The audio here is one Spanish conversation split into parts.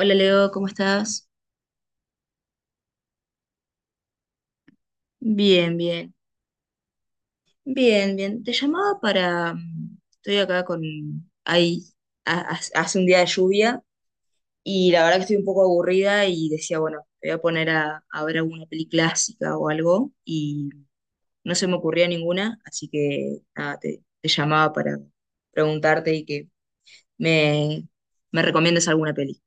Hola Leo, ¿cómo estás? Bien, bien, bien, bien. Te llamaba para... Estoy acá con... Ahí, hace un día de lluvia y la verdad que estoy un poco aburrida y decía, bueno, me voy a poner a ver alguna peli clásica o algo y no se me ocurría ninguna, así que nada, te llamaba para preguntarte y que me, me recomiendes alguna peli.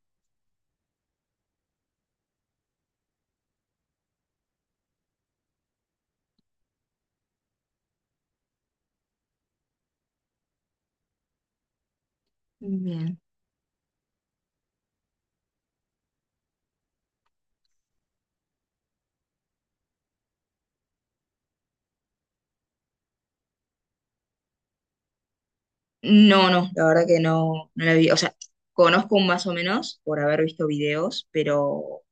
Bien. No, no, la verdad que no, no la vi. O sea, conozco más o menos por haber visto videos, pero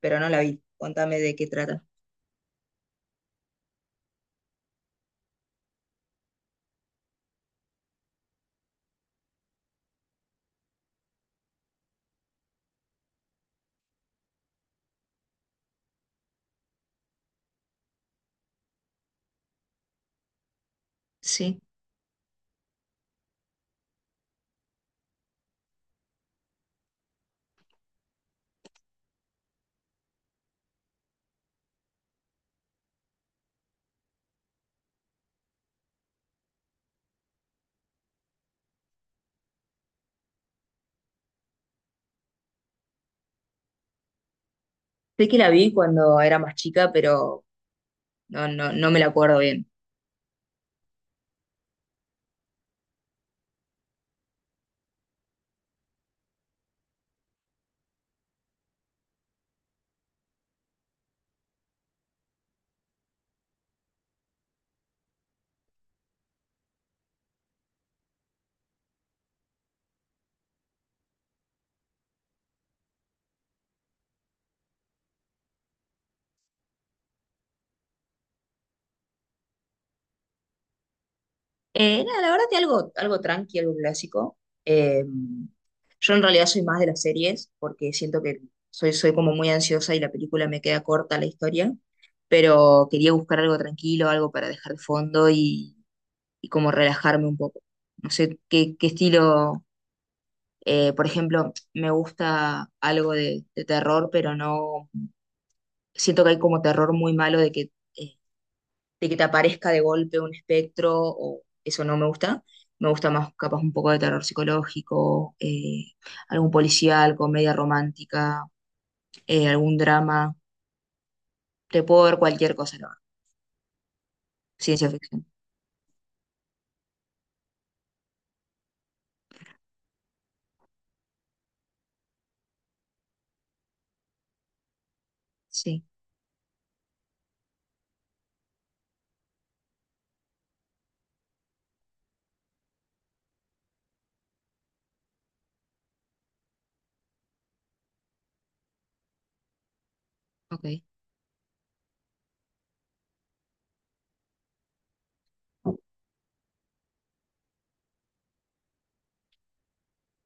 no la vi. Contame de qué trata. Sí, sé que la vi cuando era más chica, pero no, no, no me la acuerdo bien. Nada, la verdad que algo, algo tranqui, algo clásico. Eh, yo en realidad soy más de las series, porque siento que soy como muy ansiosa y la película me queda corta la historia, pero quería buscar algo tranquilo, algo para dejar de fondo y como relajarme un poco. No sé qué estilo, por ejemplo, me gusta algo de terror, pero no siento que hay como terror muy malo de que, de que te aparezca de golpe un espectro, o eso no me gusta. Me gusta más capaz un poco de terror psicológico, algún policial, comedia romántica, algún drama. Te puedo ver cualquier cosa, la verdad. Ciencia ficción. Sí, ok.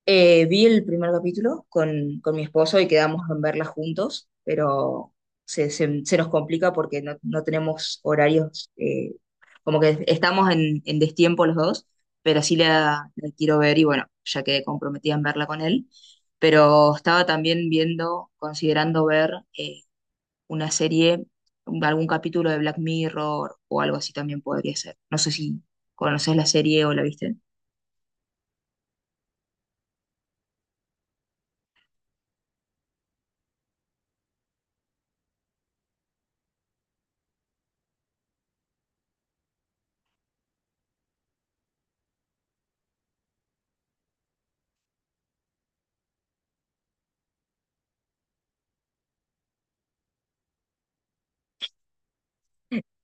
Vi el primer capítulo con mi esposo y quedamos en verla juntos, pero se nos complica porque no, no tenemos horarios, como que estamos en destiempo los dos, pero sí la quiero ver y bueno, ya quedé comprometida en verla con él. Pero estaba también viendo, considerando ver eh, una serie, algún capítulo de Black Mirror o algo así también podría ser. No sé si conoces la serie o la viste.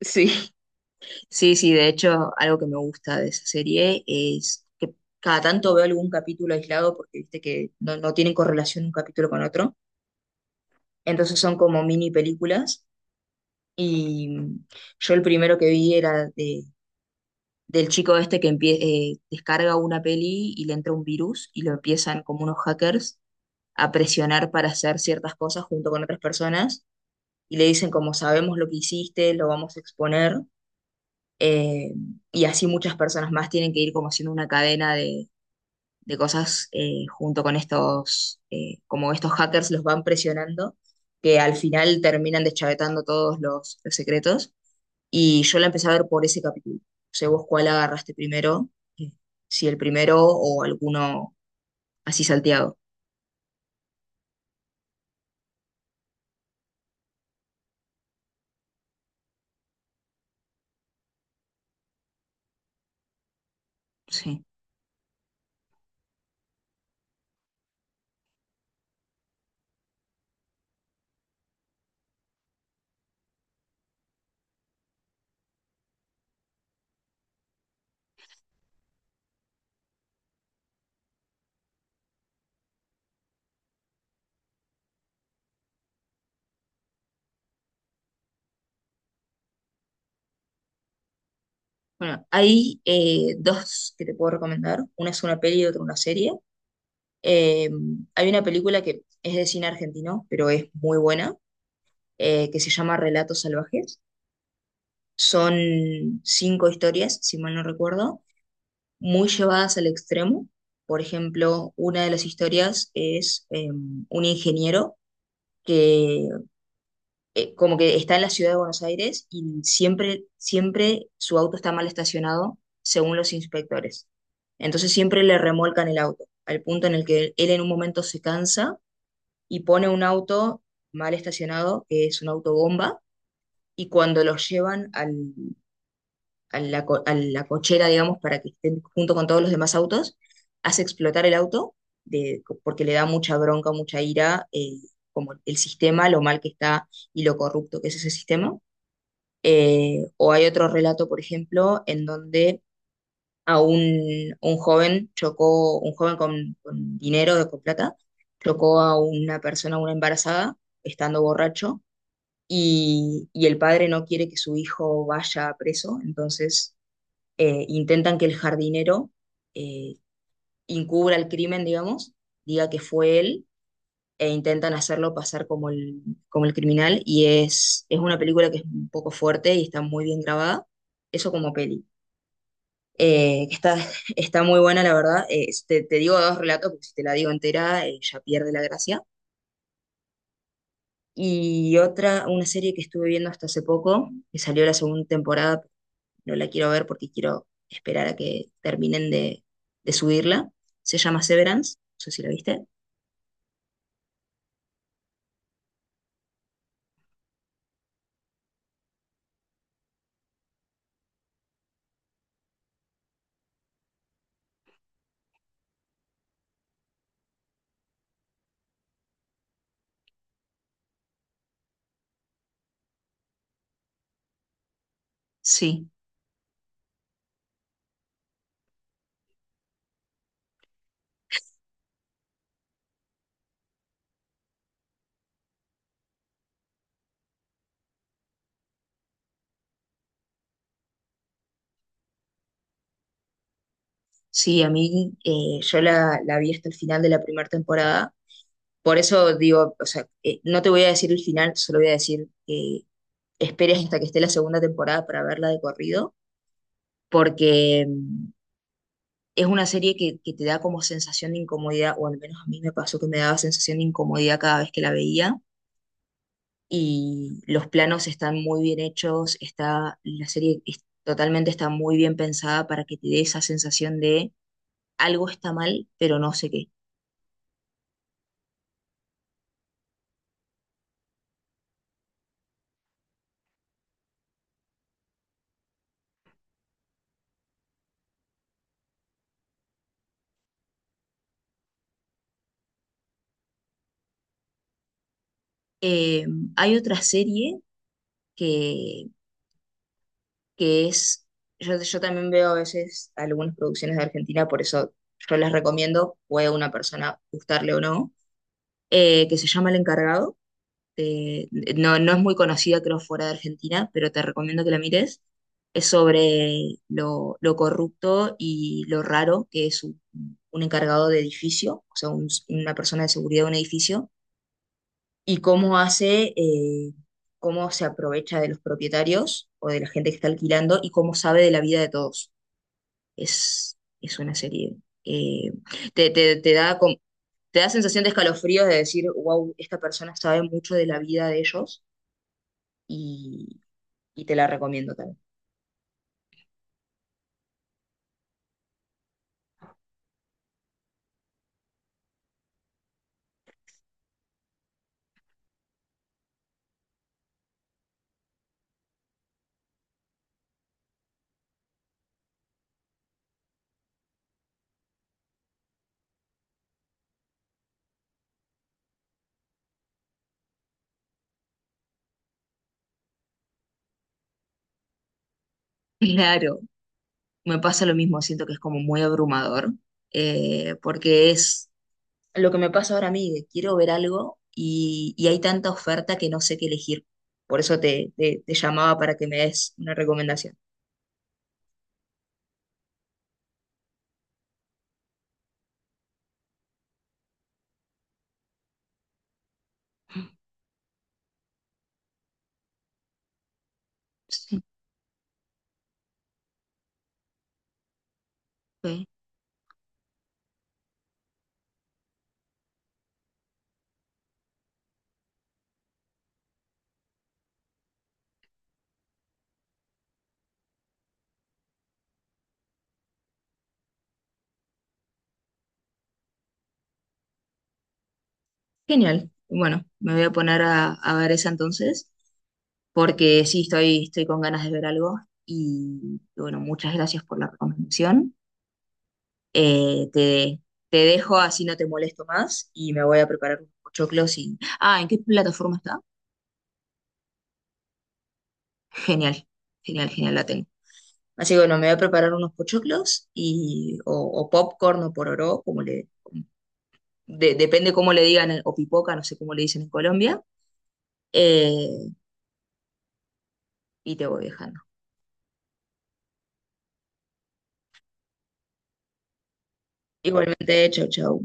Sí. Sí, sí, de hecho, algo que me gusta de esa serie es que cada tanto veo algún capítulo aislado porque viste que no, no tienen correlación un capítulo con otro. Entonces son como mini películas. Y yo el primero que vi era del chico este que descarga una peli y le entra un virus y lo empiezan como unos hackers a presionar para hacer ciertas cosas junto con otras personas. Y le dicen como sabemos lo que hiciste, lo vamos a exponer. Eh, y así muchas personas más tienen que ir como haciendo una cadena de cosas, junto con estos, como estos hackers los van presionando, que al final terminan deschavetando todos los secretos. Y yo la empecé a ver por ese capítulo. O sea, vos cuál agarraste primero, eh, si el primero o alguno así salteado. Sí. Bueno, hay dos que te puedo recomendar. Una es una peli y otra una serie. Eh, Hay una película que es de cine argentino, pero es muy buena que se llama Relatos Salvajes. Son cinco historias, si mal no recuerdo, muy llevadas al extremo. Por ejemplo, una de las historias es un ingeniero que como que está en la ciudad de Buenos Aires y siempre, siempre su auto está mal estacionado según los inspectores. Entonces siempre le remolcan el auto, al punto en el que él en un momento se cansa y pone un auto mal estacionado, que es un autobomba, y cuando los llevan a a la cochera, digamos, para que estén junto con todos los demás autos, hace explotar el auto porque le da mucha bronca, mucha ira, como el sistema, lo mal que está y lo corrupto que es ese sistema. O hay otro relato, por ejemplo, en donde a un joven chocó, un joven con dinero, con plata, chocó a una persona, una embarazada, estando borracho, y el padre no quiere que su hijo vaya preso, entonces intentan que el jardinero eh, encubra el crimen, digamos, diga que fue él, e intentan hacerlo pasar como como el criminal, es una película que es un poco fuerte y está muy bien grabada, eso como peli. Eh, está, está muy buena, la verdad. Te digo dos relatos, porque si te la digo entera, ya pierde la gracia. Y otra, una serie que estuve viendo hasta hace poco, que salió la segunda temporada, no la quiero ver porque quiero esperar a que terminen de subirla. Se llama Severance, no sé si la viste. Sí, sí, a mí yo la vi hasta el final de la primera temporada. Por eso digo, o sea, no te voy a decir el final, solo voy a decir que esperes hasta que esté la segunda temporada para verla de corrido, porque es una serie que te da como sensación de incomodidad, o al menos a mí me pasó que me daba sensación de incomodidad cada vez que la veía y los planos están muy bien hechos, está, la totalmente está muy bien pensada para que te dé esa sensación de algo está mal, pero no sé qué. Eh, Hay otra serie que, que es, yo también veo a veces algunas producciones de Argentina, por eso yo las recomiendo, puede a una persona gustarle o no, que se llama El Encargado. eh, no, no es muy conocida, creo, fuera de Argentina, pero te recomiendo que la mires. Es sobre lo corrupto y lo raro que es un encargado de edificio, o sea, una persona de seguridad de un edificio, y cómo hace, cómo se aprovecha de los propietarios o de la gente que está alquilando y cómo sabe de la vida de todos. Es una serie. eh, te da como- te da sensación de escalofríos de decir, wow, esta persona sabe mucho de la vida de ellos y, y te la recomiendo también. Claro, me pasa lo mismo, siento que es como muy abrumador, porque es lo que me pasa ahora a mí, de quiero ver algo y hay tanta oferta que no sé qué elegir. Por eso te llamaba para que me des una recomendación. Sí, ok. Genial. Bueno, me voy a poner a ver esa entonces, porque sí, estoy, estoy con ganas de ver algo y bueno, muchas gracias por la recomendación. Eh, te, te dejo así no te molesto más y me voy a preparar unos pochoclos y... Ah, ¿en qué plataforma está? Genial, genial, genial, la tengo. Así que bueno, me voy a preparar unos pochoclos o popcorn o pororó, como le... depende cómo le digan, o pipoca, no sé cómo le dicen en Colombia. eh, y te voy dejando. Igualmente, chau, chau.